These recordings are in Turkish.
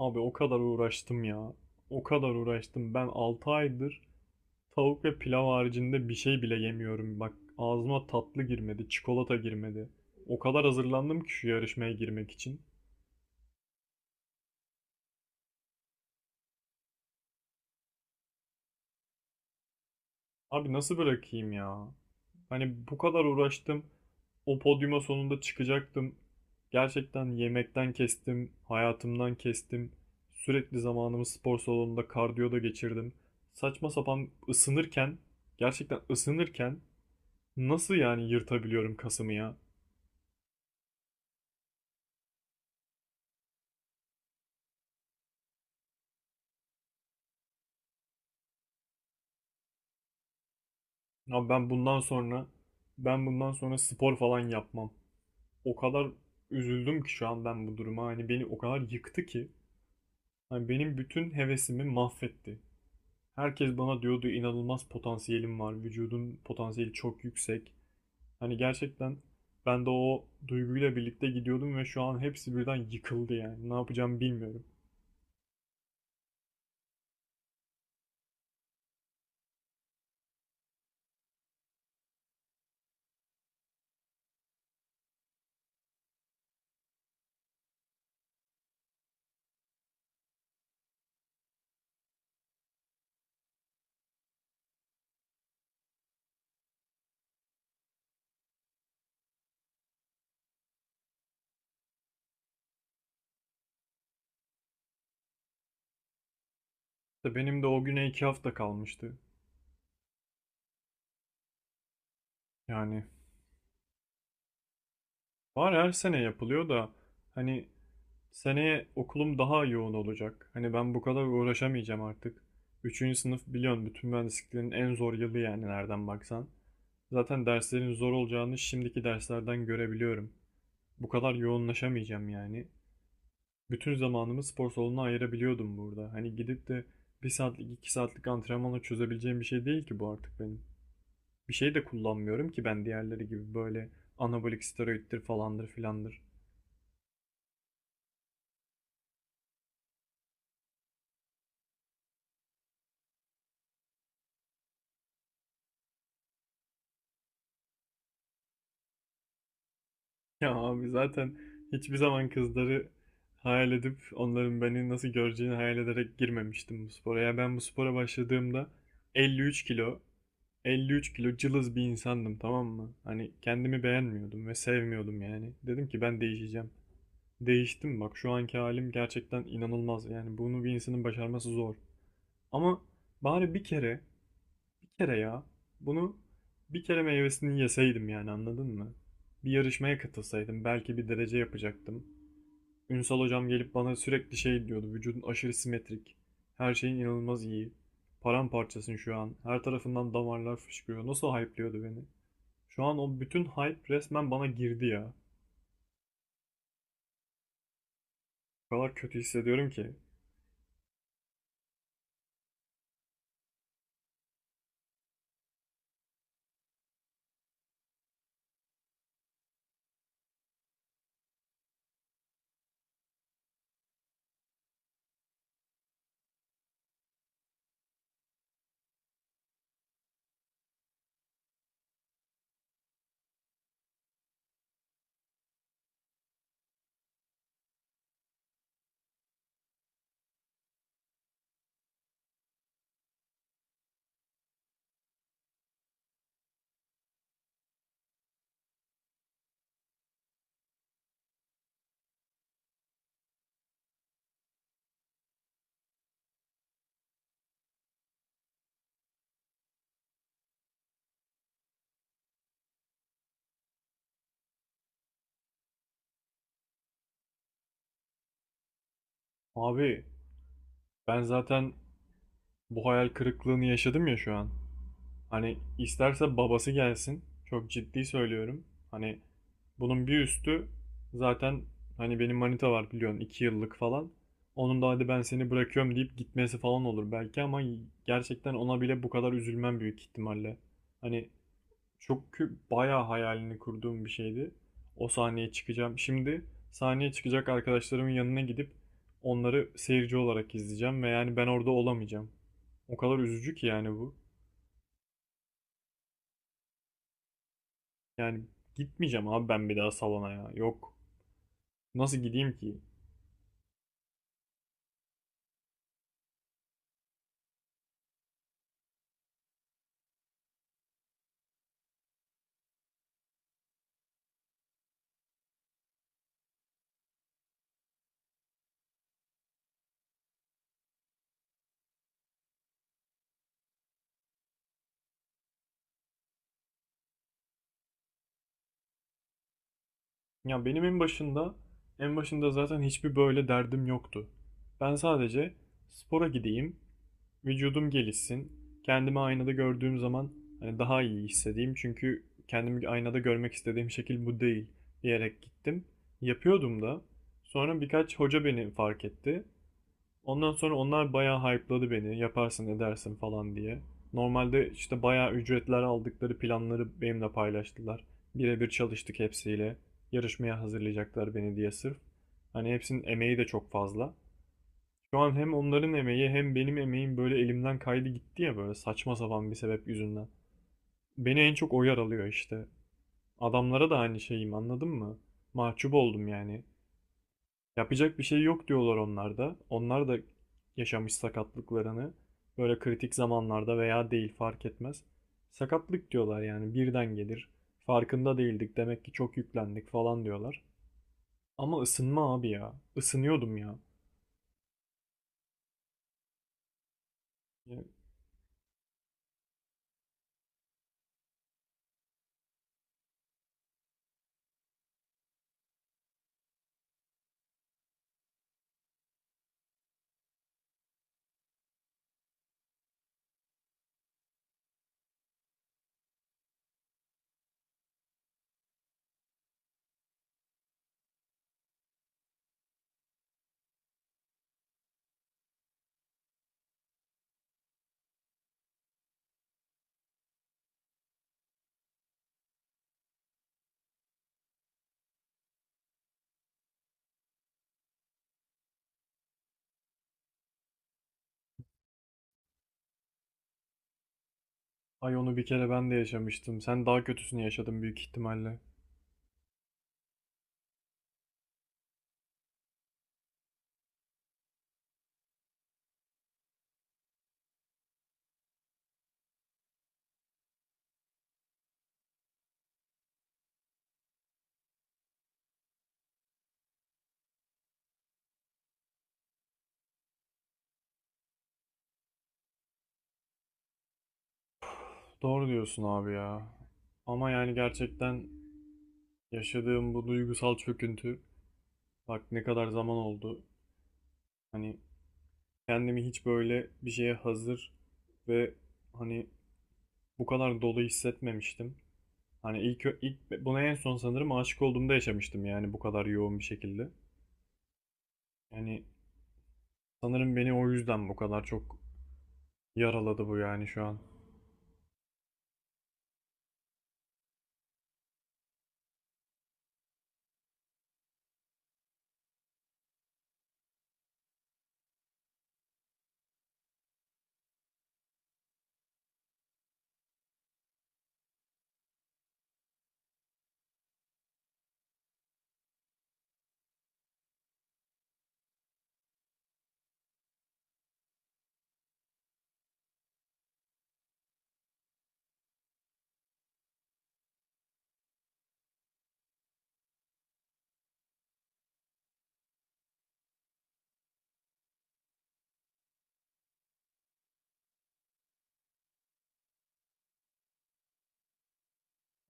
Abi o kadar uğraştım ya. O kadar uğraştım. Ben 6 aydır tavuk ve pilav haricinde bir şey bile yemiyorum. Bak ağzıma tatlı girmedi, çikolata girmedi. O kadar hazırlandım ki şu yarışmaya girmek için. Abi nasıl bırakayım ya? Hani bu kadar uğraştım. O podyuma sonunda çıkacaktım. Gerçekten yemekten kestim, hayatımdan kestim. Sürekli zamanımı spor salonunda kardiyoda geçirdim. Saçma sapan ısınırken, gerçekten ısınırken nasıl yani yırtabiliyorum kasımı ya? Abi ben bundan sonra ben bundan sonra spor falan yapmam. O kadar üzüldüm ki şu an ben bu duruma. Hani beni o kadar yıktı ki. Hani benim bütün hevesimi mahvetti. Herkes bana diyordu inanılmaz potansiyelim var. Vücudun potansiyeli çok yüksek. Hani gerçekten ben de o duyguyla birlikte gidiyordum ve şu an hepsi birden yıkıldı yani. Ne yapacağımı bilmiyorum. İşte benim de o güne iki hafta kalmıştı. Yani var, her sene yapılıyor da hani seneye okulum daha yoğun olacak. Hani ben bu kadar uğraşamayacağım artık. Üçüncü sınıf biliyorsun bütün mühendisliklerin en zor yılı yani nereden baksan. Zaten derslerin zor olacağını şimdiki derslerden görebiliyorum. Bu kadar yoğunlaşamayacağım yani. Bütün zamanımı spor salonuna ayırabiliyordum burada. Hani gidip de bir saatlik iki saatlik antrenmanla çözebileceğim bir şey değil ki bu artık benim. Bir şey de kullanmıyorum ki ben, diğerleri gibi böyle anabolik steroiddir falandır filandır. Ya abi zaten hiçbir zaman kızları hayal edip onların beni nasıl göreceğini hayal ederek girmemiştim bu spora. Ya ben bu spora başladığımda 53 kilo, 53 kilo cılız bir insandım, tamam mı? Hani kendimi beğenmiyordum ve sevmiyordum yani. Dedim ki ben değişeceğim. Değiştim, bak şu anki halim gerçekten inanılmaz. Yani bunu bir insanın başarması zor. Ama bari bir kere, bir kere ya. Bunu bir kere meyvesini yeseydim yani, anladın mı? Bir yarışmaya katılsaydım belki bir derece yapacaktım. Ünsal hocam gelip bana sürekli şey diyordu. Vücudun aşırı simetrik. Her şeyin inanılmaz iyi. Paramparçasın şu an. Her tarafından damarlar fışkırıyor. Nasıl hype'liyordu beni? Şu an o bütün hype resmen bana girdi ya. O kadar kötü hissediyorum ki. Abi ben zaten bu hayal kırıklığını yaşadım ya şu an. Hani isterse babası gelsin. Çok ciddi söylüyorum. Hani bunun bir üstü zaten, hani benim manita var biliyorsun 2 yıllık falan. Onun da hadi ben seni bırakıyorum deyip gitmesi falan olur belki ama gerçekten ona bile bu kadar üzülmem büyük ihtimalle. Hani bayağı hayalini kurduğum bir şeydi. O sahneye çıkacağım. Şimdi sahneye çıkacak arkadaşlarımın yanına gidip onları seyirci olarak izleyeceğim ve yani ben orada olamayacağım. O kadar üzücü ki yani bu. Yani gitmeyeceğim abi ben bir daha salona ya. Yok. Nasıl gideyim ki? Ya benim en başında, en başında zaten hiçbir böyle derdim yoktu. Ben sadece spora gideyim, vücudum gelişsin. Kendimi aynada gördüğüm zaman hani daha iyi hissedeyim. Çünkü kendimi aynada görmek istediğim şekil bu değil diyerek gittim. Yapıyordum da. Sonra birkaç hoca beni fark etti. Ondan sonra onlar bayağı hype'ladı beni. Yaparsın edersin falan diye. Normalde işte bayağı ücretler aldıkları planları benimle paylaştılar. Birebir çalıştık hepsiyle. Yarışmaya hazırlayacaklar beni diye sırf. Hani hepsinin emeği de çok fazla. Şu an hem onların emeği hem benim emeğim böyle elimden kaydı gitti ya, böyle saçma sapan bir sebep yüzünden. Beni en çok o yaralıyor işte. Adamlara da aynı şeyim, anladın mı? Mahcup oldum yani. Yapacak bir şey yok diyorlar onlar da. Onlar da yaşamış sakatlıklarını böyle kritik zamanlarda veya değil fark etmez. Sakatlık diyorlar yani birden gelir. Farkında değildik demek ki, çok yüklendik falan diyorlar. Ama ısınma abi ya. Isınıyordum ya. Ya, ay onu bir kere ben de yaşamıştım. Sen daha kötüsünü yaşadın büyük ihtimalle. Doğru diyorsun abi ya. Ama yani gerçekten yaşadığım bu duygusal çöküntü, bak ne kadar zaman oldu. Hani kendimi hiç böyle bir şeye hazır ve hani bu kadar dolu hissetmemiştim. Hani ilk buna en son sanırım aşık olduğumda yaşamıştım yani bu kadar yoğun bir şekilde. Yani sanırım beni o yüzden bu kadar çok yaraladı bu yani şu an.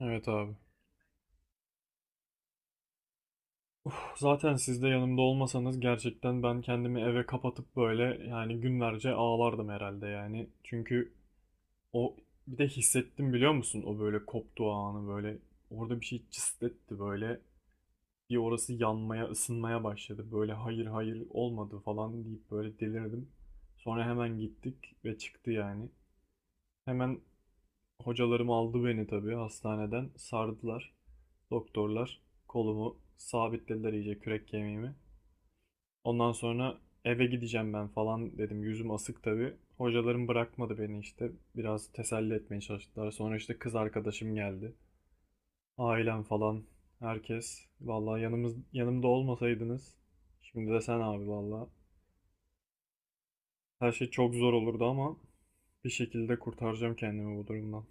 Evet abi. Uf, zaten siz de yanımda olmasanız gerçekten ben kendimi eve kapatıp böyle yani günlerce ağlardım herhalde yani. Çünkü o, bir de hissettim biliyor musun o böyle koptuğu anı, böyle orada bir şey cıst etti böyle. Bir orası yanmaya, ısınmaya başladı. Böyle hayır hayır olmadı falan deyip böyle delirdim. Sonra hemen gittik ve çıktı yani. Hemen hocalarım aldı beni tabii hastaneden. Sardılar. Doktorlar kolumu sabitlediler iyice, kürek kemiğimi. Ondan sonra eve gideceğim ben falan dedim. Yüzüm asık tabii. Hocalarım bırakmadı beni işte. Biraz teselli etmeye çalıştılar. Sonra işte kız arkadaşım geldi. Ailem falan, herkes. Vallahi yanımız yanımda olmasaydınız. Şimdi de sen abi vallahi. Her şey çok zor olurdu ama bir şekilde kurtaracağım kendimi bu durumdan.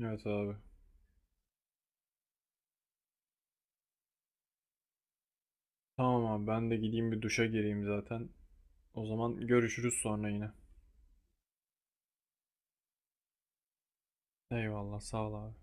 Evet abi. Tamam abi, ben de gideyim bir duşa gireyim zaten. O zaman görüşürüz sonra yine. Eyvallah, sağ ol abi.